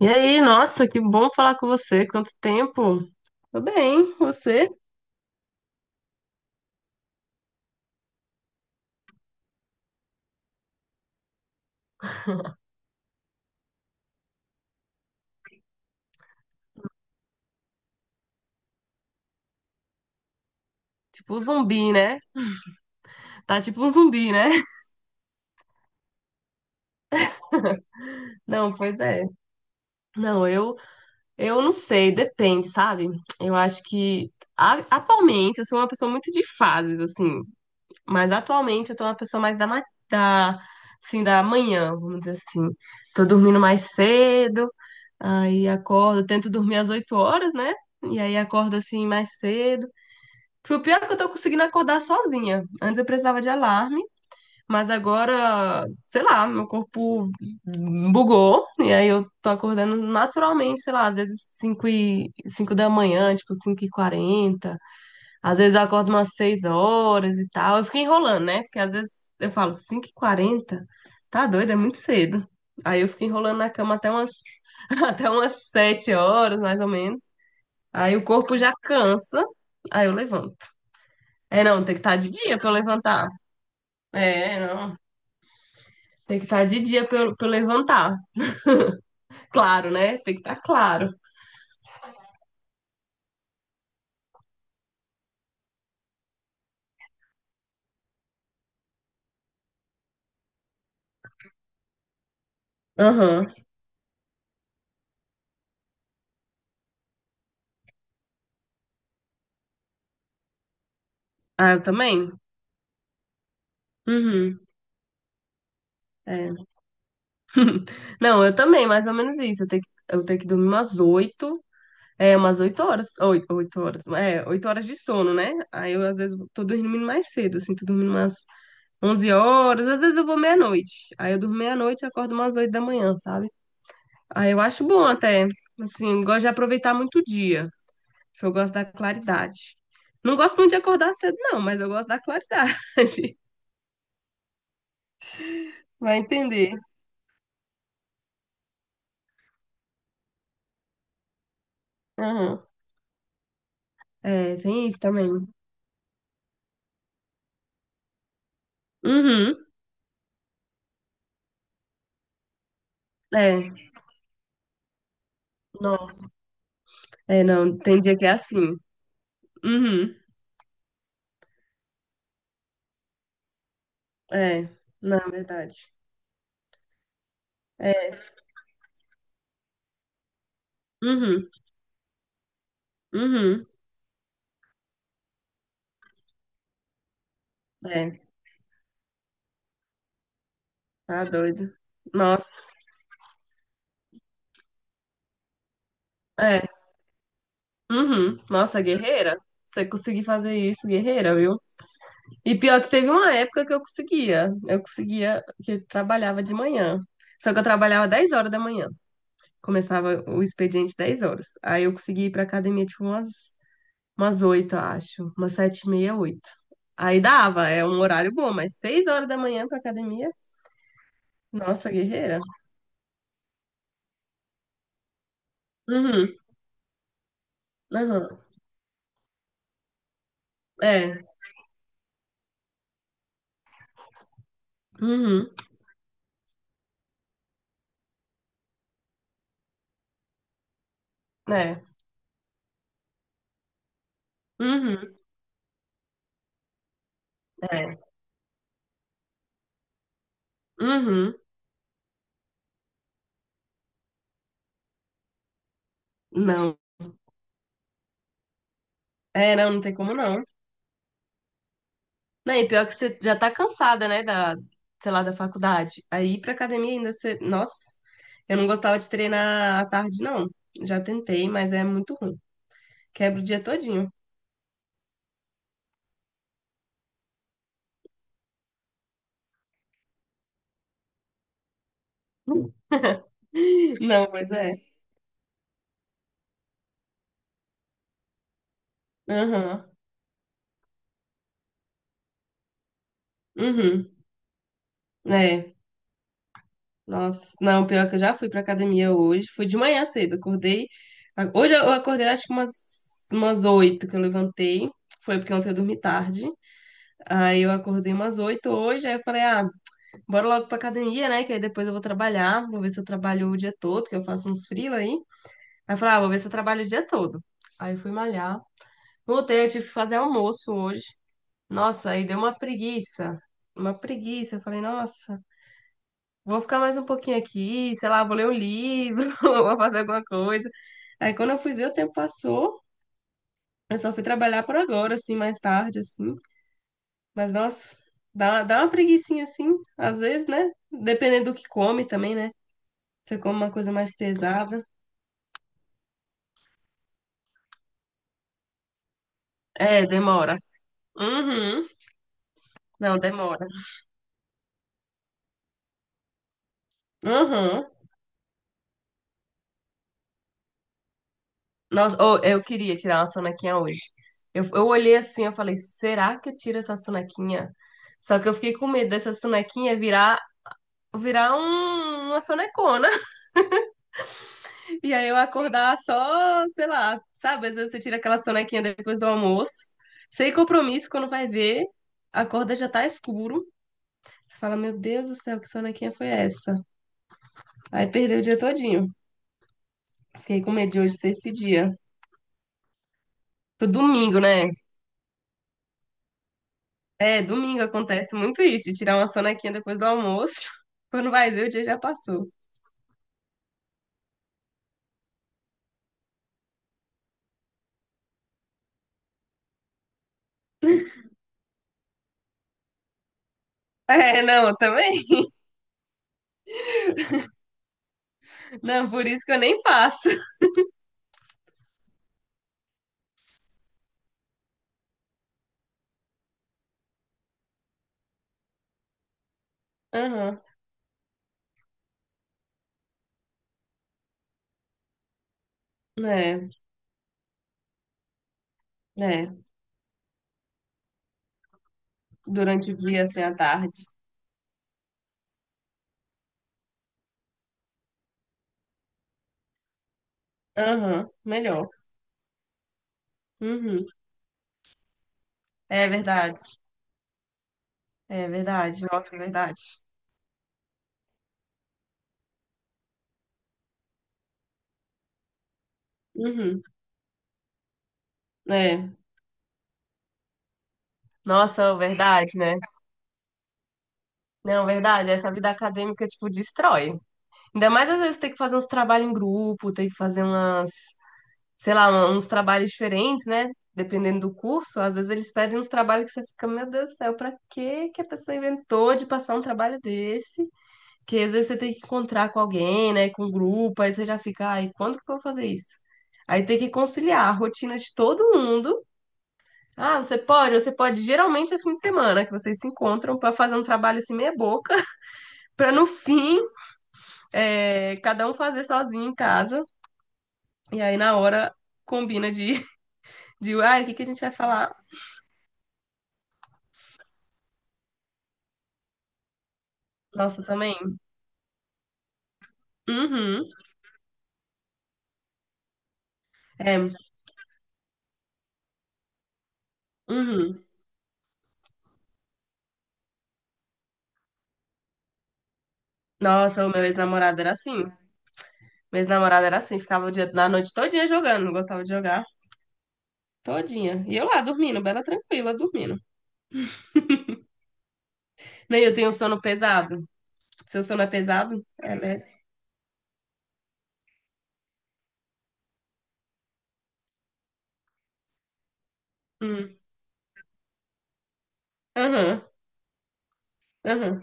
E aí, nossa, que bom falar com você. Quanto tempo? Tô bem, você? Tipo um zumbi, né? Tá tipo um zumbi, né? Não, pois é. Não, eu não sei, depende, sabe? Eu acho que atualmente eu sou uma pessoa muito de fases, assim. Mas atualmente eu tô uma pessoa mais da assim, da manhã, vamos dizer assim. Tô dormindo mais cedo, aí acordo, tento dormir às 8 horas, né? E aí acordo assim mais cedo. O pior é que eu tô conseguindo acordar sozinha. Antes eu precisava de alarme, mas agora, sei lá, meu corpo bugou. E aí eu tô acordando naturalmente, sei lá, às vezes 5 da manhã, tipo 5h40. Às vezes eu acordo umas 6 horas e tal. Eu fico enrolando, né? Porque às vezes eu falo 5h40, tá doido, é muito cedo. Aí eu fico enrolando na cama até umas 7 horas, mais ou menos. Aí o corpo já cansa, aí eu levanto. É, não, tem que estar de dia pra eu levantar. É, não. Tem que estar de dia pra eu levantar. Claro, né? Tem que estar claro. Aham. Ah, eu também? Uhum. É. Não, eu também, mais ou menos isso. Eu tenho que dormir umas oito. É, umas 8 horas. Oito horas. É, 8 horas de sono, né? Aí eu, às vezes, tô dormindo mais cedo, assim, tô dormindo umas 11 horas. Às vezes eu vou meia-noite. Aí eu durmo meia-noite e acordo umas 8 da manhã, sabe? Aí eu acho bom até. Assim, gosto de aproveitar muito o dia. Eu gosto da claridade. Não gosto muito de acordar cedo, não, mas eu gosto da claridade. Vai entender. Aham. É, tem isso também. Uhum. É, não. É, não. Tem dia que é assim. Uhum. É, na verdade. É, uhum. Uhum. É, tá doido. Nossa. É, uhum. Nossa, guerreira. Você conseguir fazer isso, guerreira, viu? E pior que teve uma época que eu conseguia. Eu conseguia, que eu trabalhava de manhã. Só que eu trabalhava 10 horas da manhã. Começava o expediente 10 horas. Aí eu consegui ir pra academia tipo umas 8 eu acho. Umas 7h30, oito. Aí dava, é um horário bom, mas 6 horas da manhã pra academia. Nossa, guerreira. Uhum, uhum. É, uhum, é, uhum, é, uhum. Não. É, não, não tem como não. Não, e pior que você já tá cansada, né, da, sei lá, da faculdade. Aí ir pra academia ainda você. Nossa, eu não gostava de treinar à tarde, não. Já tentei, mas é muito ruim. Quebra o dia todinho. Não, mas é. Aham. Uhum. É. Nossa. Não, pior que eu já fui pra academia hoje. Fui de manhã cedo. Acordei. Hoje eu acordei acho que umas 8 que eu levantei. Foi porque ontem eu dormi tarde. Aí eu acordei umas 8 hoje. Aí eu falei, ah, bora logo pra academia, né? Que aí depois eu vou trabalhar. Vou ver se eu trabalho o dia todo, que eu faço uns freela aí. Aí eu falei, ah, vou ver se eu trabalho o dia todo. Aí eu fui malhar. Voltei, eu tive que fazer almoço hoje. Nossa, aí deu uma preguiça. Uma preguiça. Eu falei, nossa, vou ficar mais um pouquinho aqui, sei lá, vou ler um livro, vou fazer alguma coisa. Aí quando eu fui ver, o tempo passou. Eu só fui trabalhar por agora, assim, mais tarde, assim. Mas, nossa, dá uma preguicinha, assim, às vezes, né? Dependendo do que come também, né? Você come uma coisa mais pesada. É, demora. Uhum. Não, demora. Uhum. Nossa, ô, eu queria tirar uma sonequinha hoje. Eu olhei assim, eu falei, será que eu tiro essa sonequinha? Só que eu fiquei com medo dessa sonequinha virar uma sonecona. E aí eu acordar só, sei lá, sabe? Às vezes você tira aquela sonequinha depois do almoço, sem compromisso, quando vai ver, acorda já tá escuro. Você fala, meu Deus do céu, que sonequinha foi essa? Aí perdeu o dia todinho. Fiquei com medo de hoje ser esse dia. Pro domingo, né? É, domingo acontece muito isso, de tirar uma sonequinha depois do almoço. Quando vai ver, o dia já passou. É, não, eu também. Não, por isso que eu nem faço. Aham. É, é. Durante o dia, assim, à tarde. Aham, melhor. Uhum. É verdade. É verdade. Nossa, é verdade. Uhum. É. Nossa, verdade, né? Não, verdade. Essa vida acadêmica, tipo, destrói. Ainda mais às vezes tem que fazer uns trabalhos em grupo, tem que fazer umas. Sei lá, uns trabalhos diferentes, né? Dependendo do curso, às vezes eles pedem uns trabalhos que você fica, meu Deus do céu, pra que que a pessoa inventou de passar um trabalho desse? Que às vezes você tem que encontrar com alguém, né? Com um grupo, aí você já fica, ai, quando que eu vou fazer isso? Aí tem que conciliar a rotina de todo mundo. Ah, geralmente é fim de semana que vocês se encontram pra fazer um trabalho assim meia boca, pra no fim, é, cada um fazer sozinho em casa. E aí na hora combina de, de, ai, o que que a gente vai falar? Nossa, também. Uhum. É, uhum. Nossa, o meu ex-namorado era assim. Meu ex-namorado era assim, ficava o dia, na noite todinha jogando, não gostava de jogar. Todinha. E eu lá, dormindo, bela tranquila, dormindo. Nem eu tenho um sono pesado. Seu sono é pesado? É leve. Hum. Aham, aham.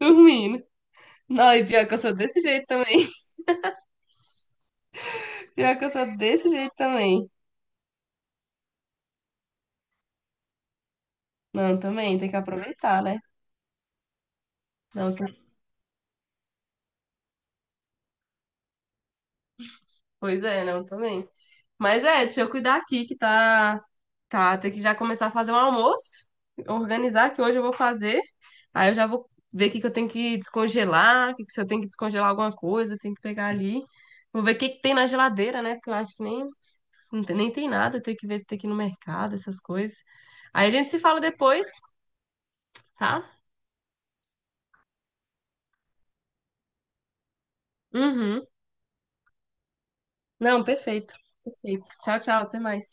Dormindo. Não, e pior que eu sou desse jeito também. Pior que eu sou desse jeito também. Não, também, tem que aproveitar, né? Não, pois é, não, também. Mas é, deixa eu cuidar aqui que tá. Tá, tem que já começar a fazer um almoço, organizar que hoje eu vou fazer. Aí eu já vou ver o que que eu tenho que descongelar, que se eu tenho que descongelar alguma coisa, tenho que pegar ali. Vou ver o que que tem na geladeira, né? Porque eu acho que nem, não tem, nem tem nada, tem que ver se tem que ir no mercado, essas coisas. Aí a gente se fala depois, tá? Uhum. Não, perfeito. Perfeito. Tchau, tchau, até mais.